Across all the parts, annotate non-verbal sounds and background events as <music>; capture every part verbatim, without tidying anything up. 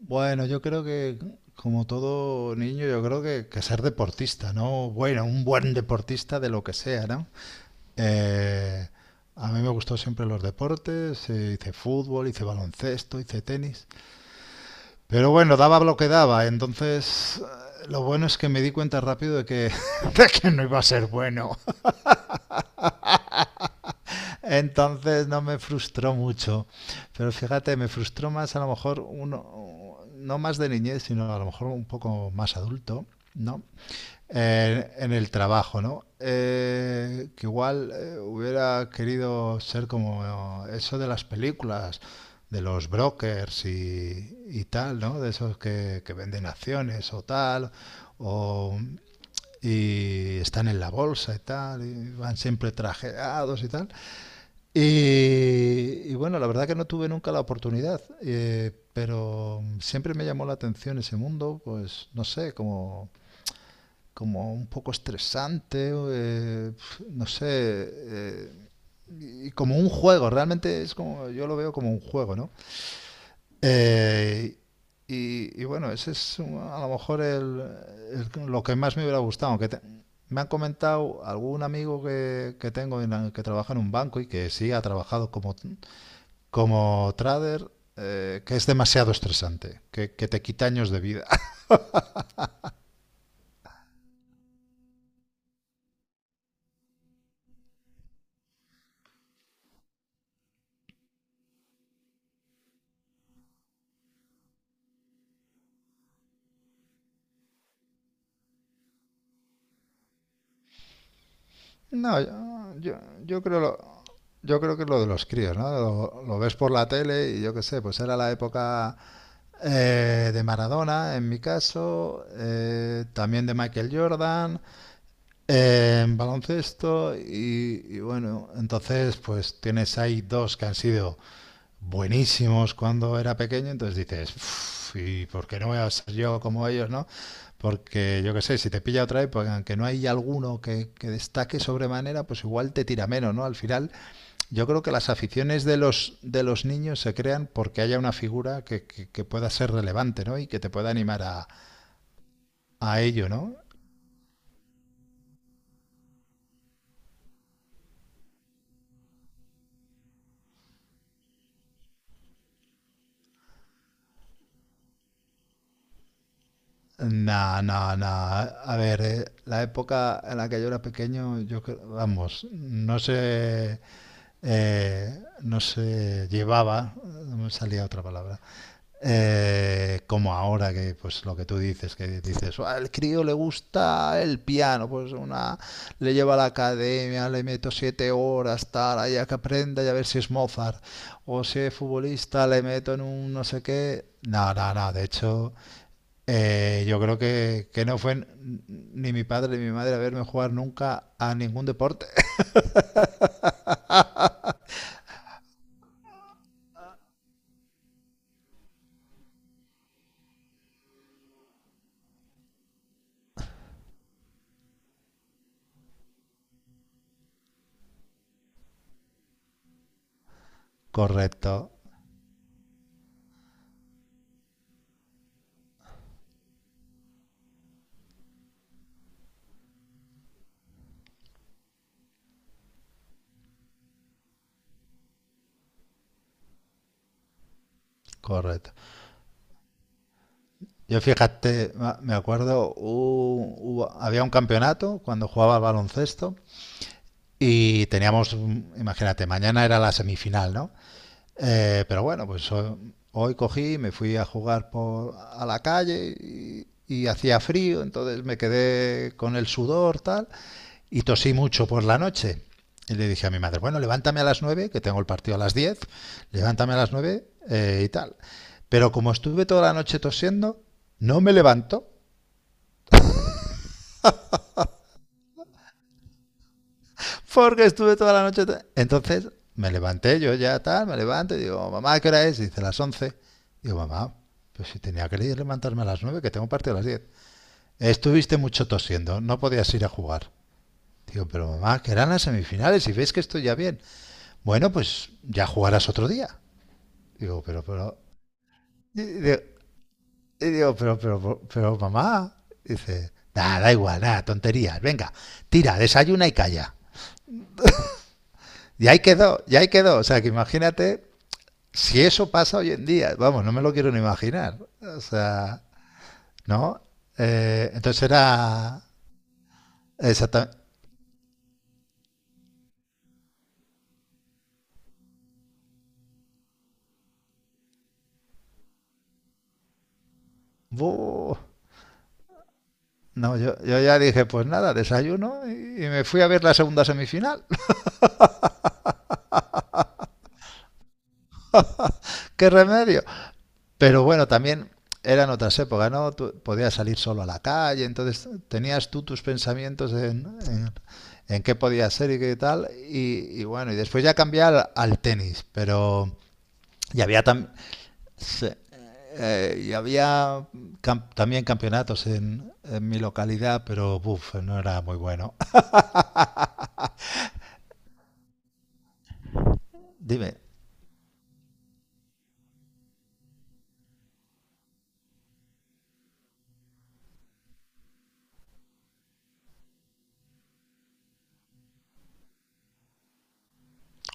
Bueno, yo creo que, como todo niño, yo creo que, que ser deportista, ¿no? Bueno, un buen deportista de lo que sea, ¿no? Eh, a mí me gustó siempre los deportes, eh, hice fútbol, hice baloncesto, hice tenis, pero bueno, daba lo que daba, entonces eh, lo bueno es que me di cuenta rápido de que, <laughs> de que no iba a ser bueno, <laughs> entonces no me frustró mucho, pero fíjate, me frustró más a lo mejor uno, no más de niñez, sino a lo mejor un poco más adulto, ¿no? en, en el trabajo, ¿no? Eh, que igual eh, hubiera querido ser como eso de las películas, de los brokers y, y tal, ¿no? De esos que, que venden acciones o tal, o, y están en la bolsa y tal, y van siempre trajeados y tal. Y, y bueno, la verdad que no tuve nunca la oportunidad, eh, pero siempre me llamó la atención ese mundo, pues no sé, como como un poco estresante, eh, no sé, eh, y como un juego, realmente es como, yo lo veo como un juego, ¿no? Eh, y, y bueno, ese es un- a lo mejor el, el- lo que más me hubiera gustado, aunque te- me han comentado algún amigo que, que tengo en la- que trabaja en un banco y que sí ha trabajado como, como trader, eh, que es demasiado estresante, que, que te quita años de vida. No, yo, yo, yo creo lo, yo creo que es lo de los críos, ¿no? Lo, lo ves por la tele y yo qué sé, pues era la época eh, de Maradona, en mi caso, eh, también de Michael Jordan, eh, en baloncesto y, y bueno, entonces pues tienes ahí dos que han sido buenísimos cuando era pequeño, entonces dices, "Uf, ¿y por qué no voy a ser yo como ellos, no? Porque yo qué sé, si te pilla otra época, aunque no hay alguno que, que destaque sobremanera, pues igual te tira menos, ¿no? Al final, yo creo que las aficiones de los, de los niños se crean porque haya una figura que, que- que pueda ser relevante, ¿no? Y que te pueda animar a, a ello, ¿no? Nah, nah, nah. A ver, eh, la época en la que yo era pequeño, yo cre- vamos, no se, eh, no se llevaba, no me salía otra palabra, eh, como ahora que, pues lo que tú dices, que dices, "Ah, al crío le gusta el piano, pues una, le lleva a la academia, le meto siete horas, tal, ahí a que aprenda y a ver si es Mozart, o si es futbolista, le meto en un no sé qué. No, no, no, de hecho. Eh, yo creo que, que no fue n- ni mi padre ni mi madre a verme jugar nunca a ningún deporte. <laughs> Correcto, correcto. Yo fíjate, ma- me acuerdo, hu- hubo- había un campeonato cuando jugaba al baloncesto y teníamos, un- imagínate, mañana era la semifinal, ¿no? Eh, pero bueno, pues ho- hoy cogí, y me fui a jugar por, a la calle y, y hacía frío, entonces me quedé con el sudor, tal, y tosí mucho por la noche. Y le dije a mi madre, bueno, levántame a las nueve que tengo el partido a las diez levántame a las nueve eh, y tal. Pero como estuve toda la noche tosiendo, no me levanto. Porque estuve toda la noche. Entonces me levanté, yo ya tal, me levanto y digo, mamá, ¿qué hora es? Y dice, las once. Digo, mamá, pues si tenía que ir levantarme a las nueve que tengo partido a las diez. Estuviste mucho tosiendo, no podías ir a jugar. Digo, pero mamá, que eran las semifinales y ves que estoy ya bien. Bueno, pues ya jugarás otro día. Digo, pero, pero. y digo, y digo, pero, pero, pero, pero, mamá. Dice, nada, da igual, nada, tonterías. Venga, tira, desayuna y calla. Y ahí quedó, y ahí quedó. O sea, que imagínate. Si eso pasa hoy en día, vamos, no me lo quiero ni imaginar. O sea, ¿no? Eh, entonces era exactamente... ¡Buh! No, yo, yo ya dije, pues nada, desayuno y, y me fui a ver la segunda semifinal. <laughs> ¡Qué remedio! Pero bueno, también eran otras épocas, ¿no? Tú podías salir solo a la calle, entonces tenías tú tus pensamientos en, en, en qué podía ser y qué tal. Y, y bueno, y después ya cambié al, al tenis, pero... Y había tam Sí. Eh, y había cam- también campeonatos en, en mi localidad, pero buf, no era muy bueno. <laughs> Dime,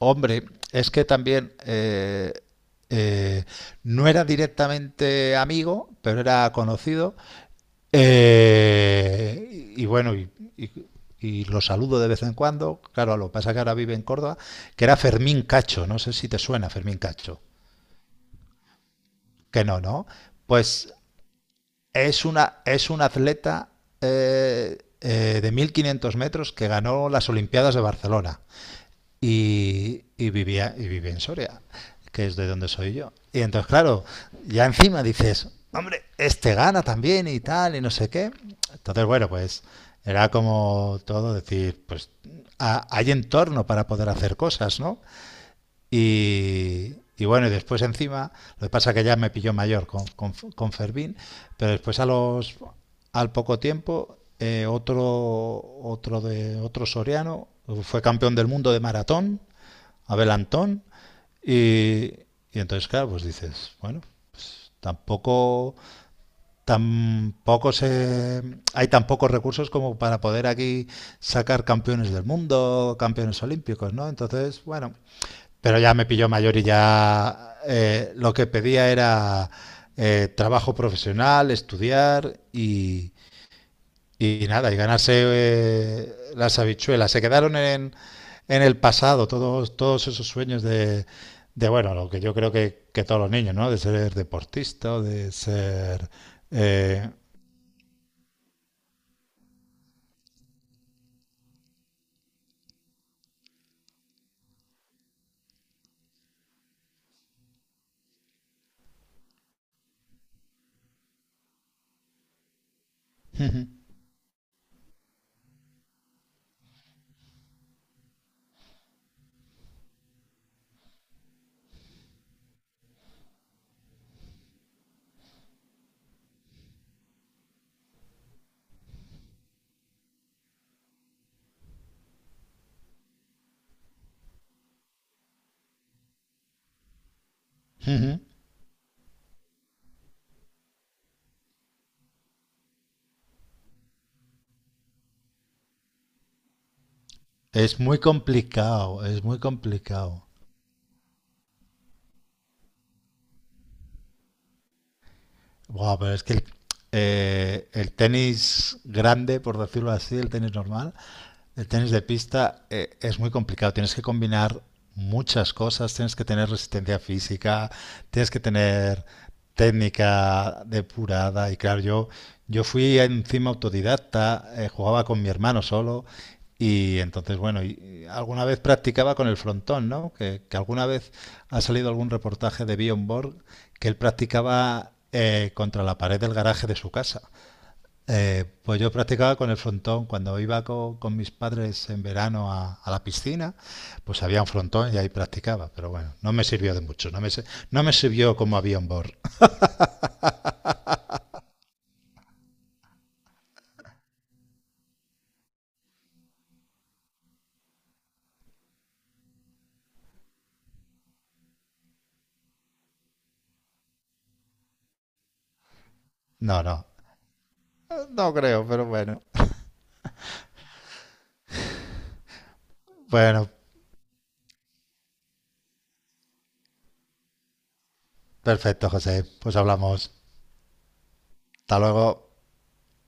hombre, es que también eh, eh, no era directamente amigo, pero era conocido. Eh, y, y bueno, y, y- y lo saludo de vez en cuando. Claro, lo que pasa es que ahora vive en Córdoba, que era Fermín Cacho. No sé si te suena Fermín Cacho. Que no, ¿no? Pues es, una, es un atleta eh, eh, de mil quinientos metros que ganó las Olimpiadas de Barcelona y, y vivía, y vive en Soria, que es de donde soy yo. Y entonces, claro, ya encima dices, hombre, este gana también y tal, y no sé qué. Entonces, bueno, pues era como todo decir, pues a- hay entorno para poder hacer cosas, ¿no? Y, y bueno, y después encima, lo que pasa es que ya me pilló mayor con, con, con Fermín, pero después a los al poco tiempo, eh, otro, otro de otro soriano fue campeón del mundo de maratón, Abel Antón, y, y entonces claro, pues dices, bueno, pues tampoco tampoco se hay tan pocos recursos como para poder aquí sacar campeones del mundo, campeones olímpicos, ¿no? Entonces, bueno, pero ya me pilló mayor y ya eh, lo que pedía era eh, trabajo profesional, estudiar y, y nada, y ganarse eh, las habichuelas. Se quedaron en, en el pasado todos, todos esos sueños de, de, bueno, lo que yo creo que, que todos los niños, ¿no? De ser deportista, de ser... eh, es muy complicado, es muy complicado. Wow, pero es que el, eh, el tenis grande, por decirlo así, el tenis normal, el tenis de pista eh, es muy complicado, tienes que combinar muchas cosas, tienes que tener resistencia física, tienes que tener técnica depurada y claro, yo, yo fui encima autodidacta, eh, jugaba con mi hermano solo y entonces, bueno, y, y alguna vez practicaba con el frontón, ¿no? Que, que alguna vez ha salido algún reportaje de Bjorn Borg que él practicaba eh, contra la pared del garaje de su casa. Eh, pues yo practicaba con el frontón. Cuando iba co- con, mis padres en verano a, a la piscina, pues había un frontón y ahí practicaba. Pero bueno, no me sirvió de mucho. No me, se- no me sirvió como avión board. No, no. No creo, pero bueno. Bueno, perfecto, José. Pues hablamos. Hasta luego.